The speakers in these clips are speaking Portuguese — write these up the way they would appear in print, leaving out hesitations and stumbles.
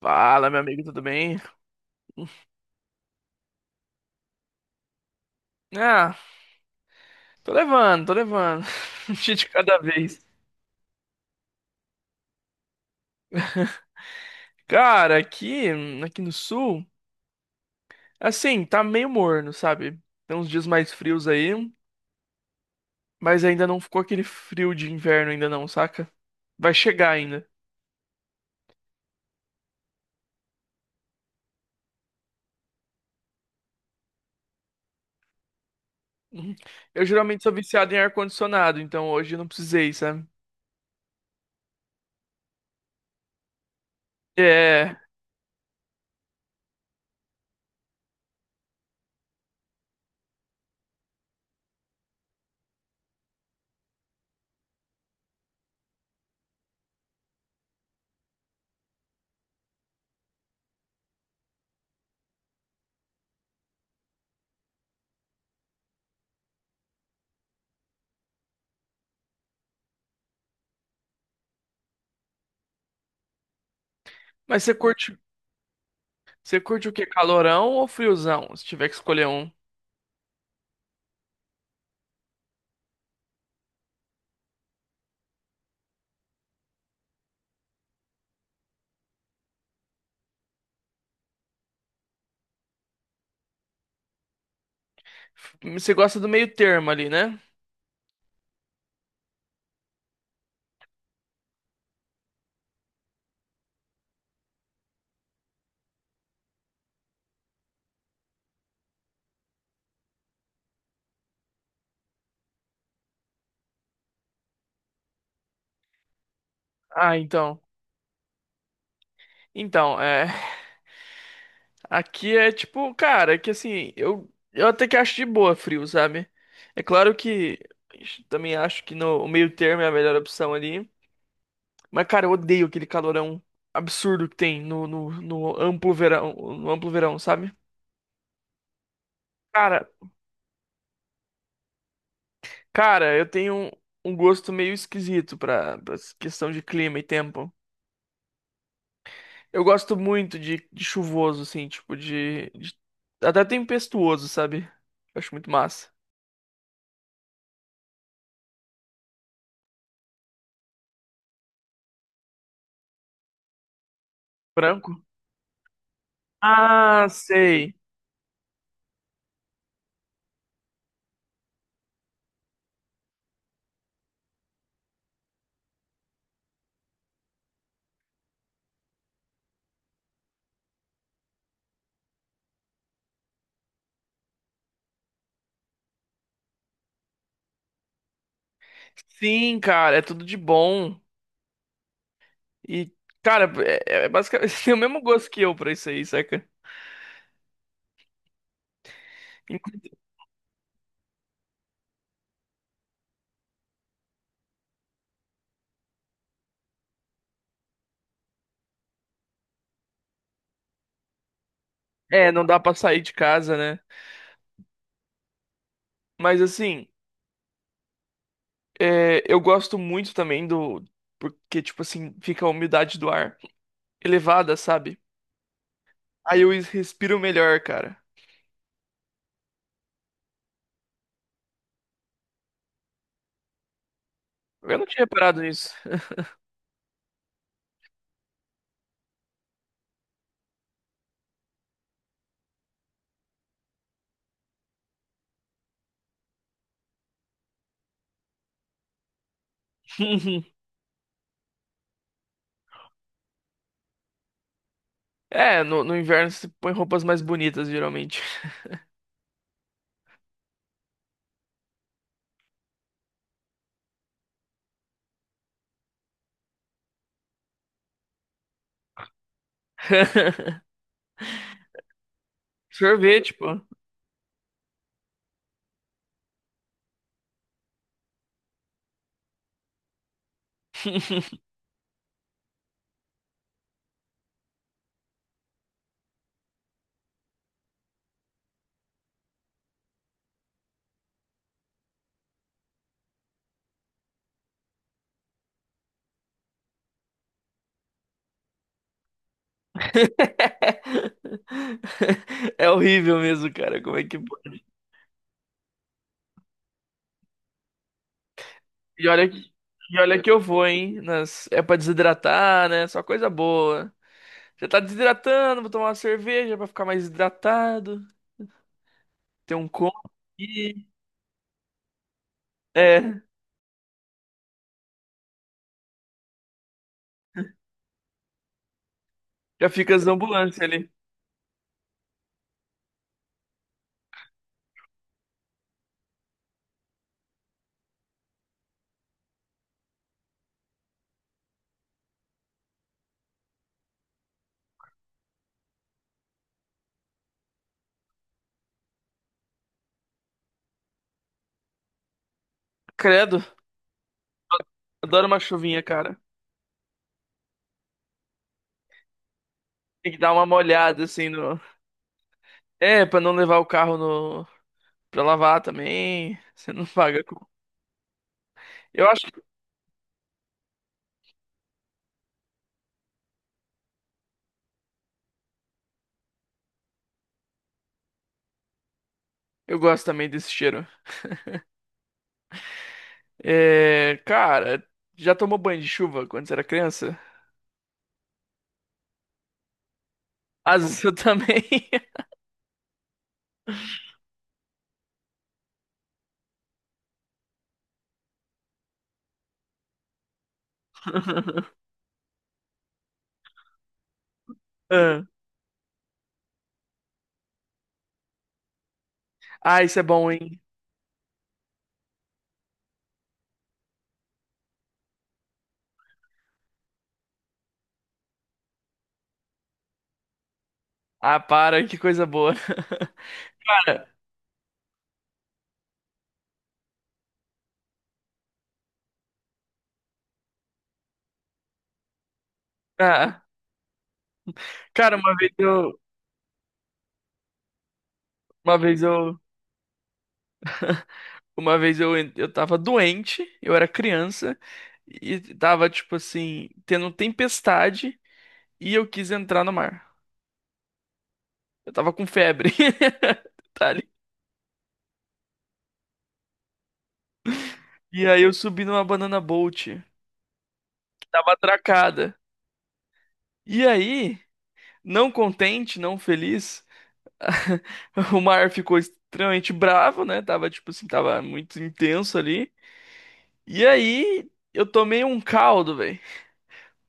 Fala, meu amigo, tudo bem? Ah, tô levando, tô levando. Um dia de cada vez. Cara, aqui no sul, assim, tá meio morno, sabe? Tem uns dias mais frios aí, mas ainda não ficou aquele frio de inverno ainda não, saca? Vai chegar ainda. Uhum. Eu geralmente sou viciado em ar-condicionado, então hoje eu não precisei, sabe? É, mas você curte o quê? Calorão ou friozão? Se tiver que escolher um. Você gosta do meio termo ali, né? Ah, então. Então, é. Aqui é tipo, cara, é que assim, eu até que acho de boa frio, sabe? É claro que também acho que no o meio termo é a melhor opção ali. Mas, cara, eu odeio aquele calorão absurdo que tem no amplo verão, no amplo verão, sabe? Cara, cara, eu tenho um, um gosto meio esquisito pra, pra essa questão de clima e tempo. Eu gosto muito de chuvoso, assim, tipo de, de. Até tempestuoso, sabe? Eu acho muito massa. Branco? Ah, sei. Sim, cara, é tudo de bom. E, cara, é, é basicamente tem o mesmo gosto que eu pra isso aí, saca? Inclu- É, não dá pra sair de casa, né? Mas assim, é, eu gosto muito também do. Porque, tipo assim, fica a umidade do ar elevada, sabe? Aí eu respiro melhor, cara. Eu não tinha reparado nisso. É, no inverno você põe roupas mais bonitas, geralmente. Sorvete, pô. É horrível mesmo, cara. Como é que pode? E olha que, e olha que eu vou, hein? Nas... É pra desidratar, né? Só coisa boa. Já tá desidratando, vou tomar uma cerveja pra ficar mais hidratado. Tem um copo aqui. É, já fica as ambulâncias ali. Credo, adoro uma chuvinha, cara. Tem que dar uma molhada assim no. É, pra não levar o carro no. Pra lavar também. Você não paga. Com- Eu acho que eu gosto também desse cheiro. É, cara, já tomou banho de chuva quando você era criança? Às vezes eu também. Ah, Ah, isso é bom, hein? Ah, para, que coisa boa. Cara, ah, cara, uma vez eu, uma vez eu, uma vez eu tava doente, eu era criança e tava tipo assim, tendo tempestade e eu quis entrar no mar. Eu tava com febre. Detalhe. E aí eu subi numa banana boat que tava atracada. E aí, não contente, não feliz, o mar ficou extremamente bravo, né? Tava tipo assim, tava muito intenso ali. E aí eu tomei um caldo, velho.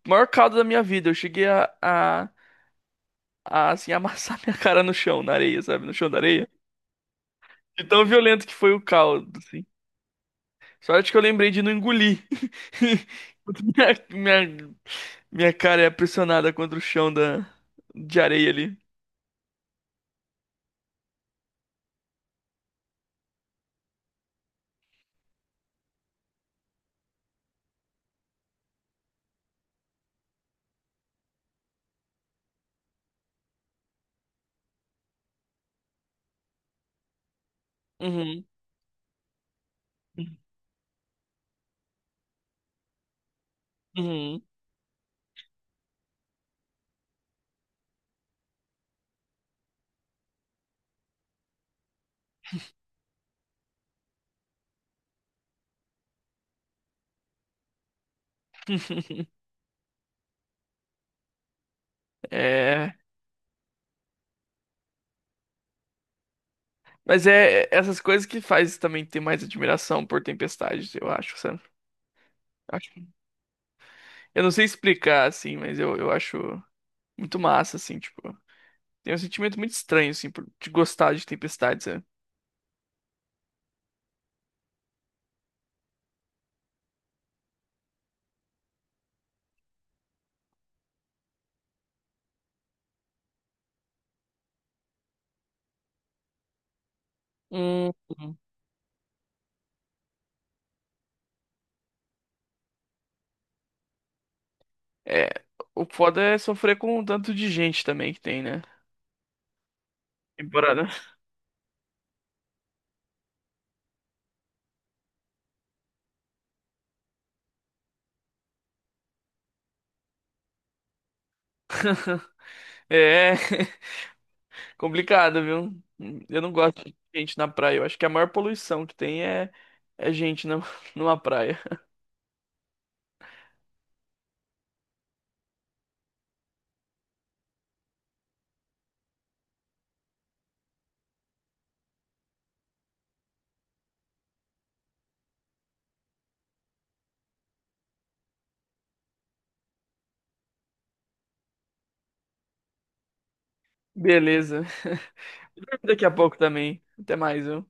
O maior caldo da minha vida. Eu cheguei a assim, amassar minha cara no chão, na areia, sabe? No chão da areia. De tão violento que foi o caldo, assim. Sorte que eu lembrei de não engolir. Minha, minha, minha cara é pressionada contra o chão da, de areia ali. Uhum. Uhum. É. Mas é é essas coisas que faz também ter mais admiração por tempestades eu acho, sabe? Eu acho- eu não sei explicar, assim, mas eu acho muito massa, assim, tipo. Tem um sentimento muito estranho, assim, por- de gostar de tempestades sabe? Hum. É, o foda é sofrer com o tanto de gente também que tem, né? Temporada. É complicado, viu? Eu não gosto de gente na praia. Eu acho que a maior poluição que tem é, é gente na, numa praia. Beleza. Daqui a pouco também. Até mais, viu?